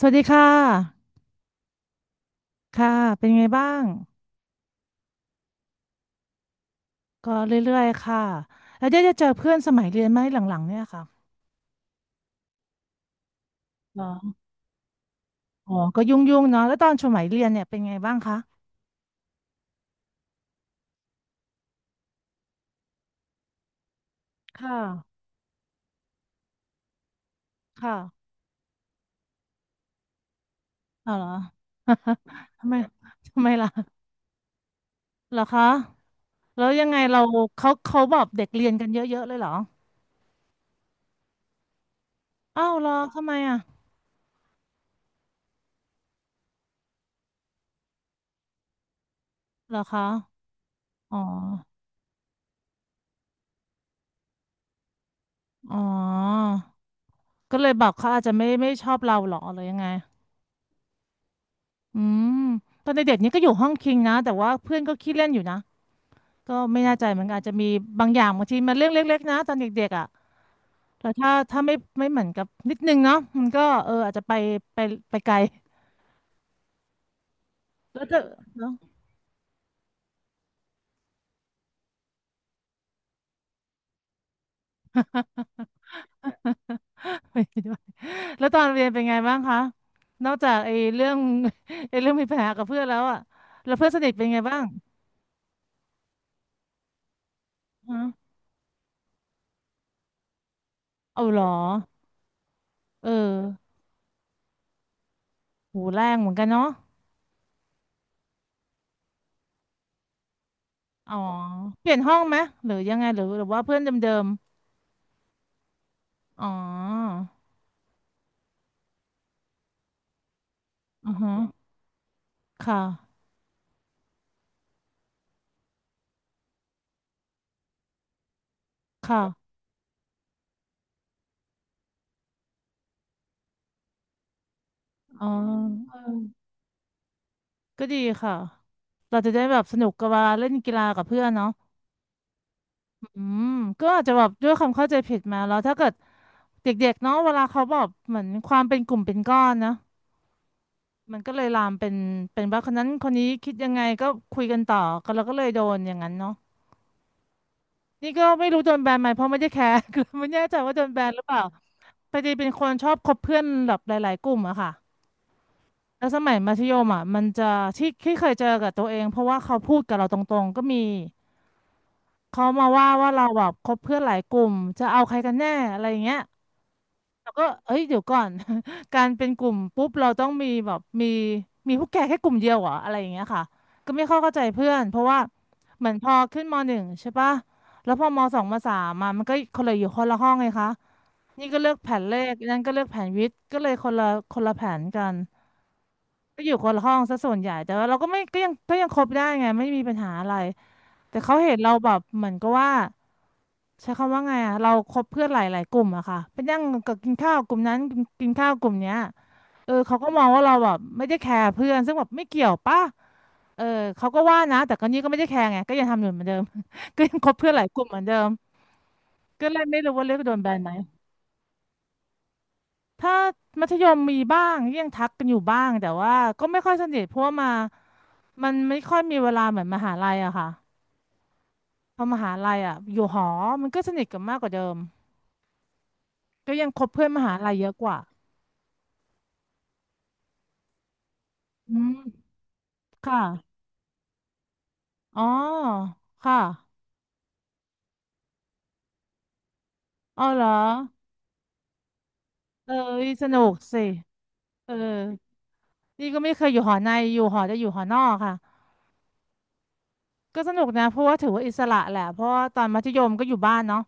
สวัสดีค่ะค่ะเป็นไงบ้างก็เรื่อยๆค่ะ แล้วได้จะเจอเพื่อนสมัยเรียนไหมหลังๆเนี่ยค่ะเหรออ๋อก็ยุ่งๆเนาะแล้วตอนสมัยเรียนเนี่ยเป็นไงบ้างคะค่ะค่ะเอาเหรอ ทำไมทำไมล่ะเหรอคะแล้วยังไงเราเขาบอกเด็กเรียนกันเยอะๆเลยเหรออ้าวเหรอทำไมอ่ะเหรอคะอ๋ออ๋อก็เลยบอกเขาอาจจะไม่ชอบเราเหรอหรือยังไง อืมตอนเด็กๆนี่ก็อยู่ห้องคิงนะแต่ว่าเพื่อนก็ขี้เล่นอยู่นะก็ไม่แน่ใจเหมือนกันอาจจะมีบางอย่างบางทีมันเรื่องเล็กๆนะตอนเด็กๆอ่ะแต่ถ้าไม่เหมือนกับนิดนึงเนาะมันก็เอออาจจะไปไปไกลแล้วจะเนาะ ไปด้วยแล้วตอนเรียนเป็นไงบ้างคะนอกจากไอ้เรื่องมีปัญหากับเพื่อนแล้วอ่ะแล้วเพื่อนสนิทเป็นไงบ้างฮะเอาเหรอเออหูแรงเหมือนกันเนาะอ๋อเปลี่ยนห้องไหมหรือยังไงหรือว่าเพื่อนเดิมๆอ๋อ อือฮึค่ะค่ะอ๋อก็ดีค่ะ เราจะได้แบบสนุกกับเวลาเล่นกีฬากับเพื่อนเนาะอืมก็อาจจะแบบด้วยความเข้าใจผิดมาแล้วถ้าเกิดเด็กๆเนาะเวลาเขาแบบเหมือนความเป็นกลุ่มเป็นก้อนนะมันก็เลยลามเป็นว่าคนนั้นคนนี้คิดยังไงก็คุยกันต่อก็เราก็เลยโดนอย่างนั้นเนาะนี่ก็ไม่รู้โดนแบนไหมเพราะไม่ได้แคร์ คือไม่แน่ใจว่าโดนแบนหรือเปล่าพอดีเป็นคนชอบคบเพื่อนแบบหลายๆกลุ่มอะค่ะ แล้วสมัยมัธยมอ่ะมันจะที่เคยเจอกับตัวเองเพราะว่าเขาพูดกับเราตรงๆก็มีเขามาว่าเราแบบคบเพื่อนหลายกลุ่มจะเอาใครกันแน่อะไรอย่างเงี้ยแล้วก็เอ้ยเดี๋ยวก่อน การเป็นกลุ่มปุ๊บเราต้องมีแบบมีพวกแกแค่กลุ่มเดียวเหรออะไรอย่างเงี้ยค่ะก็ไม่เข้าใจเพื่อนเพราะว่าเหมือนพอขึ้นมหนึ่งใช่ปะแล้วพอมสองมสามมามันก็คนละอยู่คนละห้องไงคะนี่ก็เลือกแผนเลขนั่นก็เลือกแผนวิทย์ก็เลยคนละแผนกัน ก็อยู่คนละห้องซะส่วนใหญ่แต่ว่าเราก็ไม่ก็ยังคบได้ไงไม่มีปัญหาอะไรแต่เขาเห็นเราแบบเหมือนก็ว่าใช้คำว่าไงอะเราคบเพื่อนหลายๆกลุ่มอะค่ะไปนั่งกับกินข้าวกลุ่มนั้นกินกินข้าวกลุ่มเนี้ยเออเขาก็มองว่าเราแบบไม่ได้แคร์เพื่อนซึ่งแบบไม่เกี่ยวป่ะเออเขาก็ว่านะแต่ก็นี่ก็ไม่ได้แคร์ไงก็ยังทำอยู่เหมือนเดิม ก็ยังคบเพื่อนหลายกลุ่มเหมือนเดิมก็เลยไม่รู้ว่าเลือกโดนแบนไหม ถ้ามัธยมมีบ้างยังทักกันอยู่บ้างแต่ว่าก็ไม่ค่อยสนิทเพราะว่ามามันไม่ค่อยมีเวลาเหมือนมหาลัยอะค่ะพอมหาลัยอะอยู่หอมันก็สนิทกันมากกว่าเดิมก็ยังคบเพื่อนมหาลัยเยอะกว่าอืมค่ะอ๋อค่ะอ๋อเหรอเออสนุกสิเออนี่ก็ไม่เคยอยู่หอในอยู่หอจะอยู่หอนอกค่ะก็สนุกนะเพราะว่าถือว่าอิสระแหละเพราะว่าตอนมัธยมก็อยู่บ้านเนาะ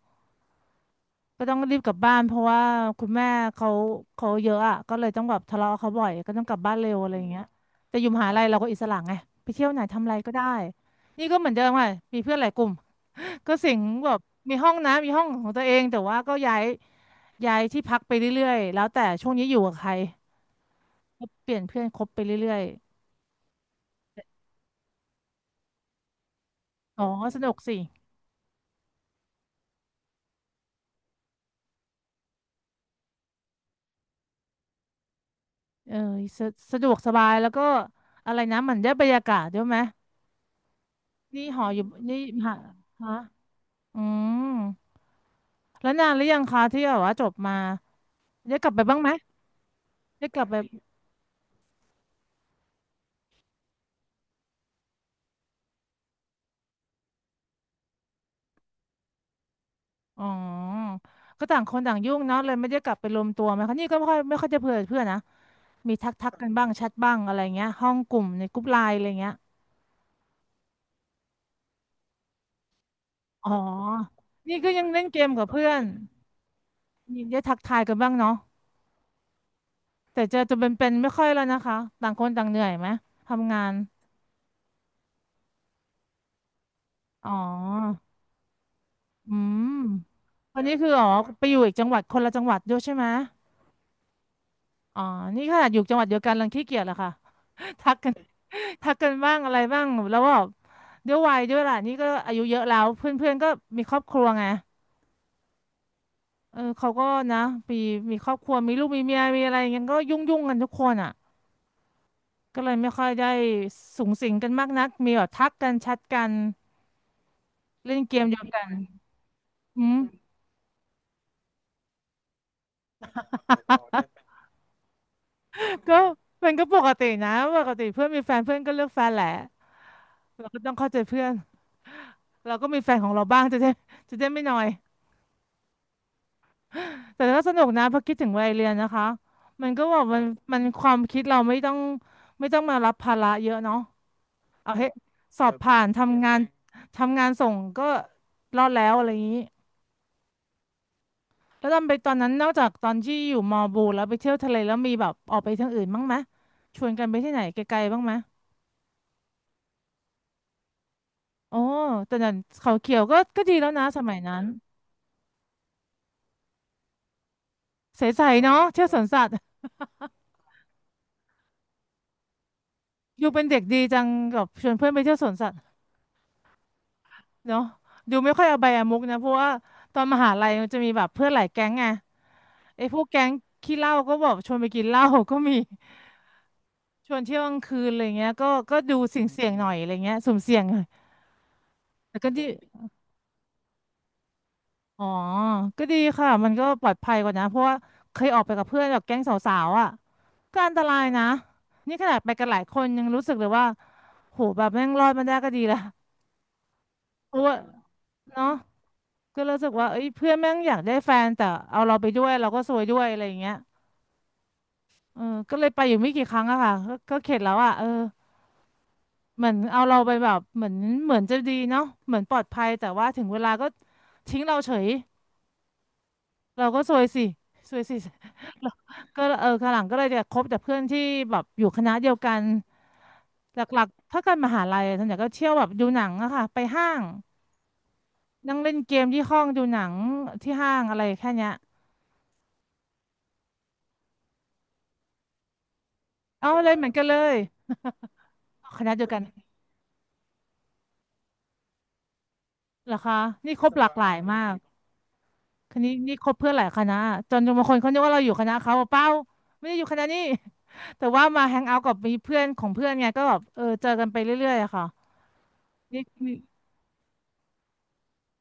ก็ต้องรีบกลับบ้านเพราะว่าคุณแม่เขาเขาเยอะอ่ะก็เลยต้องแบบทะเลาะกับเขาบ่อยก็ต้องกลับบ้านเร็วอะไรอย่างเงี้ยแต่อยู่มหาลัยเราก็อิสระไงไปเที่ยวไหนทำอะไรก็ได้นี่ก็เหมือนเดิมค่ะมีเพื่อนหลายกลุ่ม ก็สิงแบบมีห้องนะมีห้องของตัวเองแต่ว่าก็ย้ายที่พักไปเรื่อยๆแล้วแต่ช่วงนี้อยู่กับใครก็เปลี่ยนเพื่อนคบไปเรื่อยๆอ๋อสนุกสิเออสะสะดวกสบายแล้วก็อะไรนะเหมือนได้บรรยากาศด้วยไหมนี่หออยู่นี่มหาฮะอืม แล้วนานหรือยังคะที่แบบว่าจบมาได้กลับไปบ้างไหมได้กลับไปอ๋อก็ต่างคนต่างยุ่งเนาะเลยไม่ได้กลับไปรวมตัวไหมคะนี่ก็ไม่ค่อยจะเพื่อนเพื่อนนะมีทักกันบ้างแชทบ้างอะไรเงี้ยห้องกลุ่มในกลุ่มไลน์อะไรเงี้ยอ๋อนี่ก็ยังเล่นเกมกับเพื่อนมีได้ทักทายกันบ้างเนาะแต่เจอตัวเป็นๆไม่ค่อยแล้วนะคะต่างคนต่างเหนื่อยไหมทำงานอ๋ออืมวันนี้คืออ๋อไปอยู่อีกจังหวัดคนละจังหวัดด้วยใช่ไหมอ๋อนี่ขนาดอยู่จังหวัดเดียวกันรังขี้เกียจเหรอคะ ทักกัน ทักกันบ้างอะไรบ้างแล้ว่าบด้วยวัยด้วยล่ะนี่ก็อายุเยอะแล้วเพื่อนๆก็มีครอบครัวไงเออเขาก็นะมีมีครอบครัวมีลูกมีเมียมีอะไรอย่างเงี้ยก็ยุ่งกันทุกคนอ่ะก็เลยไม่ค่อยได้สุงสิงกันมากนักมีแบบทักกันแชทกันเล่นเกมเดียวกันอืม ก็มันก็ปกตินะปกติเพื่อนมีแฟนเพื่อนก็เลือกแฟนแหละเราก็ต้องเข้าใจเพื่อนเราก็มีแฟนของเราบ้างจะได้จะได้ไม่นอย แต่ก็สนุกนะพอคิดถึงวัยเรียนนะคะมันก็บอกมันมันความคิดเราไม่ต้องมารับภาระเยอะเนาะเอาให้สอแบบบผ่านทำงานทำงานส่งก็รอดแล้วอะไรอย่างนี้แล้วตอนไปตอนนั้นนอกจากตอนที่อยู่มอบูแล้วไปเที่ยวทะเลแล้วมีแบบออกไปทางอื่นบ้างไหมชวนกันไปที่ไหนไกลๆบ้างไหมโอ้แต่นั้นเขาเขียวก็ดีแล้วนะสมัยนั้นใสๆเนาะเที่ยวสวนสัตว์อยู่เป็นเด็กดีจังกับชวนเพื่อนไปเที่ยวสวนสัตว์ เนาะดูไม่ค่อยเอาใบอะมุกนะเพราะว่าตอนมหาลัยมันจะมีแบบเพื่อนหลายแก๊งไงไอ้พวกแก๊งขี้เหล้าก็บอกชวนไปกินเหล้าก็มี ชวนเที่ยวกลางคืนอะไรเงี้ยก็ดูเสี่ยงหน่อยอะไรเงี้ยสุ่มเสี่ยงหน่อยแต่ก็ดีอ๋อก็ดีค่ะมันก็ปลอดภัยกว่านะเพราะว่าเคยออกไปกับเพื่อนแบบแก๊งสาวๆอ่ะก็อันตรายนะนี่ขนาดไปกันหลายคนยังรู้สึกเลยว่าโหแบบแม่งรอดมาได้ก็ดีละเพราะว่าเนาะก็รู้สึกว่าเอ้ยเพื่อนแม่งอยากได้แฟนแต่เอาเราไปด้วยเราก็ซวยด้วยอะไรอย่างเงี้ย เออก็เลยไปอยู่ไม่กี่ครั้งอะค่ะก็เข็ดแล้วอะเออเหมือนเอาเราไปแบบเหมือนเหมือนจะดีเนาะเหมือนปลอดภัยแต่ว่าถึงเวลาก็ทิ้งเราเฉยเราก็ซวยสิซวยสิ เราก็เออข้างหลังก็เลยจะคบแต่เพื่อนที่แบบอยู่คณะเดียวกันหลักๆถ้ากันมหาลัยอะส่วนใหญ่ก็เที่ยวแบบดูหนังอะค่ะไปห้างนั่งเล่นเกมที่ห้องดูหนังที่ห้างอะไรแค่เนี้ยเอาเลยเหมือนกันเลยคณะเดียวกันเหรอคะนี่ครบหลากหลายมาก คณะนี้นี่คบเพื่อนหลายคณะจนบางคนเขานึกว่าเราอยู่คณะเขาบอกเปล่าไม่ได้อยู่คณะนี้ แต่ว่ามาแฮงเอาท์กับมีเพื่อนของเพื่อนไงก็แบบเออเจอกันไปเรื่อยๆอะค่ะนี่นี่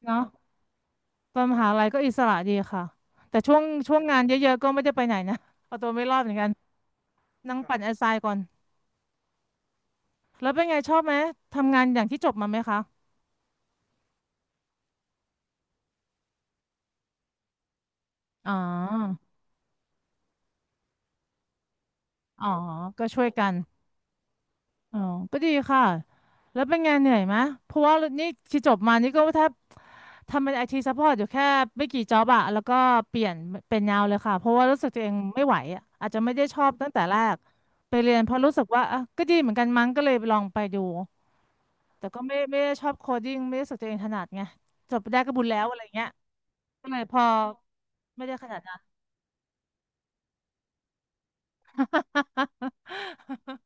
เนาะตอนมหาลัยก็อิสระดีค่ะแต่ช่วงช่วงงานเยอะๆก็ไม่ได้ไปไหนนะ เอาตัวไม่รอดเหมือนกันนั่งปั่นแอสไซน์ก่อนแล้วเป็นไงชอบไหมทำงานอย่างที่จบมาไหมคะอ๋ออ๋อก็ช่วยกัน อ๋อก็ดีค่ะ แล้วเป็นไงเหนื่อยไหมเพราะว่านี่ที่จบมานี่ก็แทบทำเป็นไอทีซัพพอร์ตอยู่แค่ไม่กี่จ็อบอะแล้วก็เปลี่ยนเป็นแนวเลยค่ะเพราะว่ารู้สึกตัวเองไม่ไหวอะอาจจะไม่ได้ชอบตั้งแต่แรกไปเรียนเพราะรู้สึกว่าอ่ะก็ดีเหมือนกันมั้งก็เลยลองไปดู แต่ก็ไม่ได้ชอบโคดิ้งไม่ได้รู้สึกตัวเองถนัดไงจบไปได้ก็บุญแล้วอะไรเงี้ยก็เลยพอไม่ได้ขนาดนั้น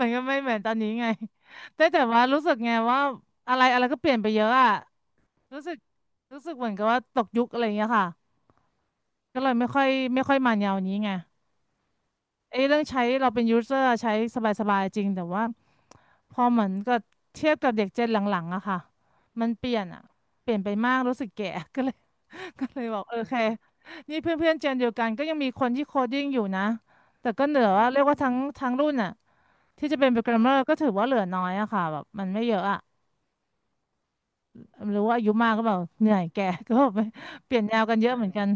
มันก็ไม่เหมือนตอนนี้ไงแต่ว่ารู้สึกไงว่าอะไรอะไรก็เปลี่ยนไปเยอะอะรู้สึกรู้สึกเหมือนกับว่าตกยุคอะไรอย่างเงี้ยค่ะก็เลยไม่ค่อยมาแนวนี้ไงไอ้เรื่องใช้เราเป็นยูเซอร์ใช้สบายๆจริงแต่ว่าพอเหมือนก็เทียบกับเด็กเจนหลังๆอะค่ะมันเปลี่ยนอะเปลี่ยนไปมากรู้สึกแก่ ก็เลยก็เลยบอกเออโอเคนี่เพื่อนๆเจนเดียวกันก็ยังมีคนที่โคดดิ้งอยู่นะแต่ก็เหนือว่าเรียกว่าทั้งรุ่นอ่ะ ที่จะเป็นโปรแกรมเมอร์ก็ถือว่าเหลือน้อยอะค่ะแบบมันไม่เยอะอะหรือว่าอายุมากก็แบบเหนื่อยแก่ ก็แบบเปลี่ยนแนวกันเยอะเหมือนกัน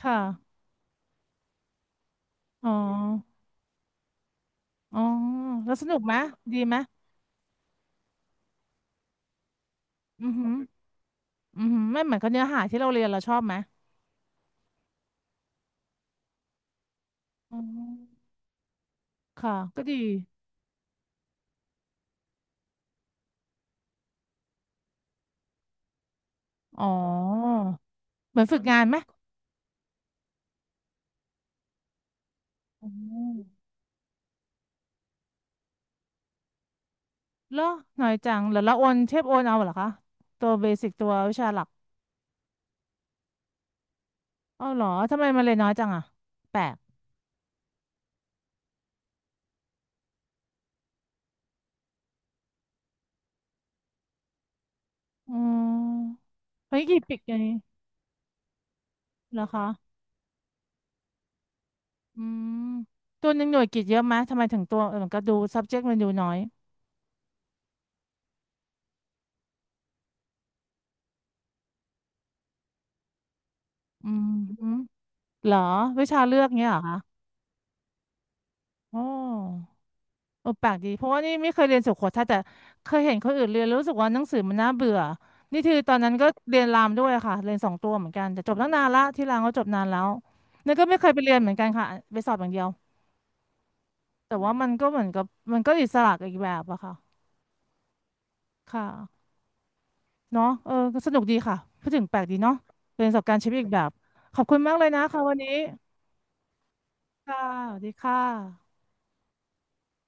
ค่ะอ๋ออ๋อแล้วสนุกไหมดีไหมอือหืออือหือไม่เหมือนกับเนื้อหาที่เราเรียนเราชอบไหมอ๋อค่ะก็ดีอ๋อเหมือนฝึกงานไหมอ๋อเหรอหน่อยจังแล้วเราโอนเทปโอนเอาเหรอคะตัวเบสิกตัววิชาหลักอ้าวเหรอทำไมมันเลยนน้อยจังอะแปลกอ๋อเฮ้ยกี่ปีกันนี้เหรอคะ อืมตัวหนึ่งหน่วยกิตเยอะไหมทำไมถึงตัวเออมันก็ดู subject มันดูน้อย อืมฮึเหรอ วิชาเลือกเงี้ยเหรอคะโอ้เออแปลกดี เพราะว่านี่ไม่เคยเรียนสุโขทัยแต่เคยเห็นคนอื่นเรียนแล้วรู้สึกว่าหนังสือมันน่าเบื่อนี่คือตอนนั้นก็เรียนรามด้วยค่ะ เรียน2 ตัวเหมือนกันแต่จบตั้งนานละที่รามก็จบนานแล้วนี่ก็ไม่เคยไปเรียนเหมือนกันค่ะไปสอบอย่างเดียวแต่ว่ามันก็เหมือนกับมันก็อิสระกับอีกแบบอะค่ะค่ะ เนาะเออก็สนุกดีค่ะพูดถึงแปลกดีเนาะเป็นประสบการณ์ชีวิตอีกแบบ ขอบคุณมากเลยนะคะวันนี้ค่ะสวัสดีค่ะ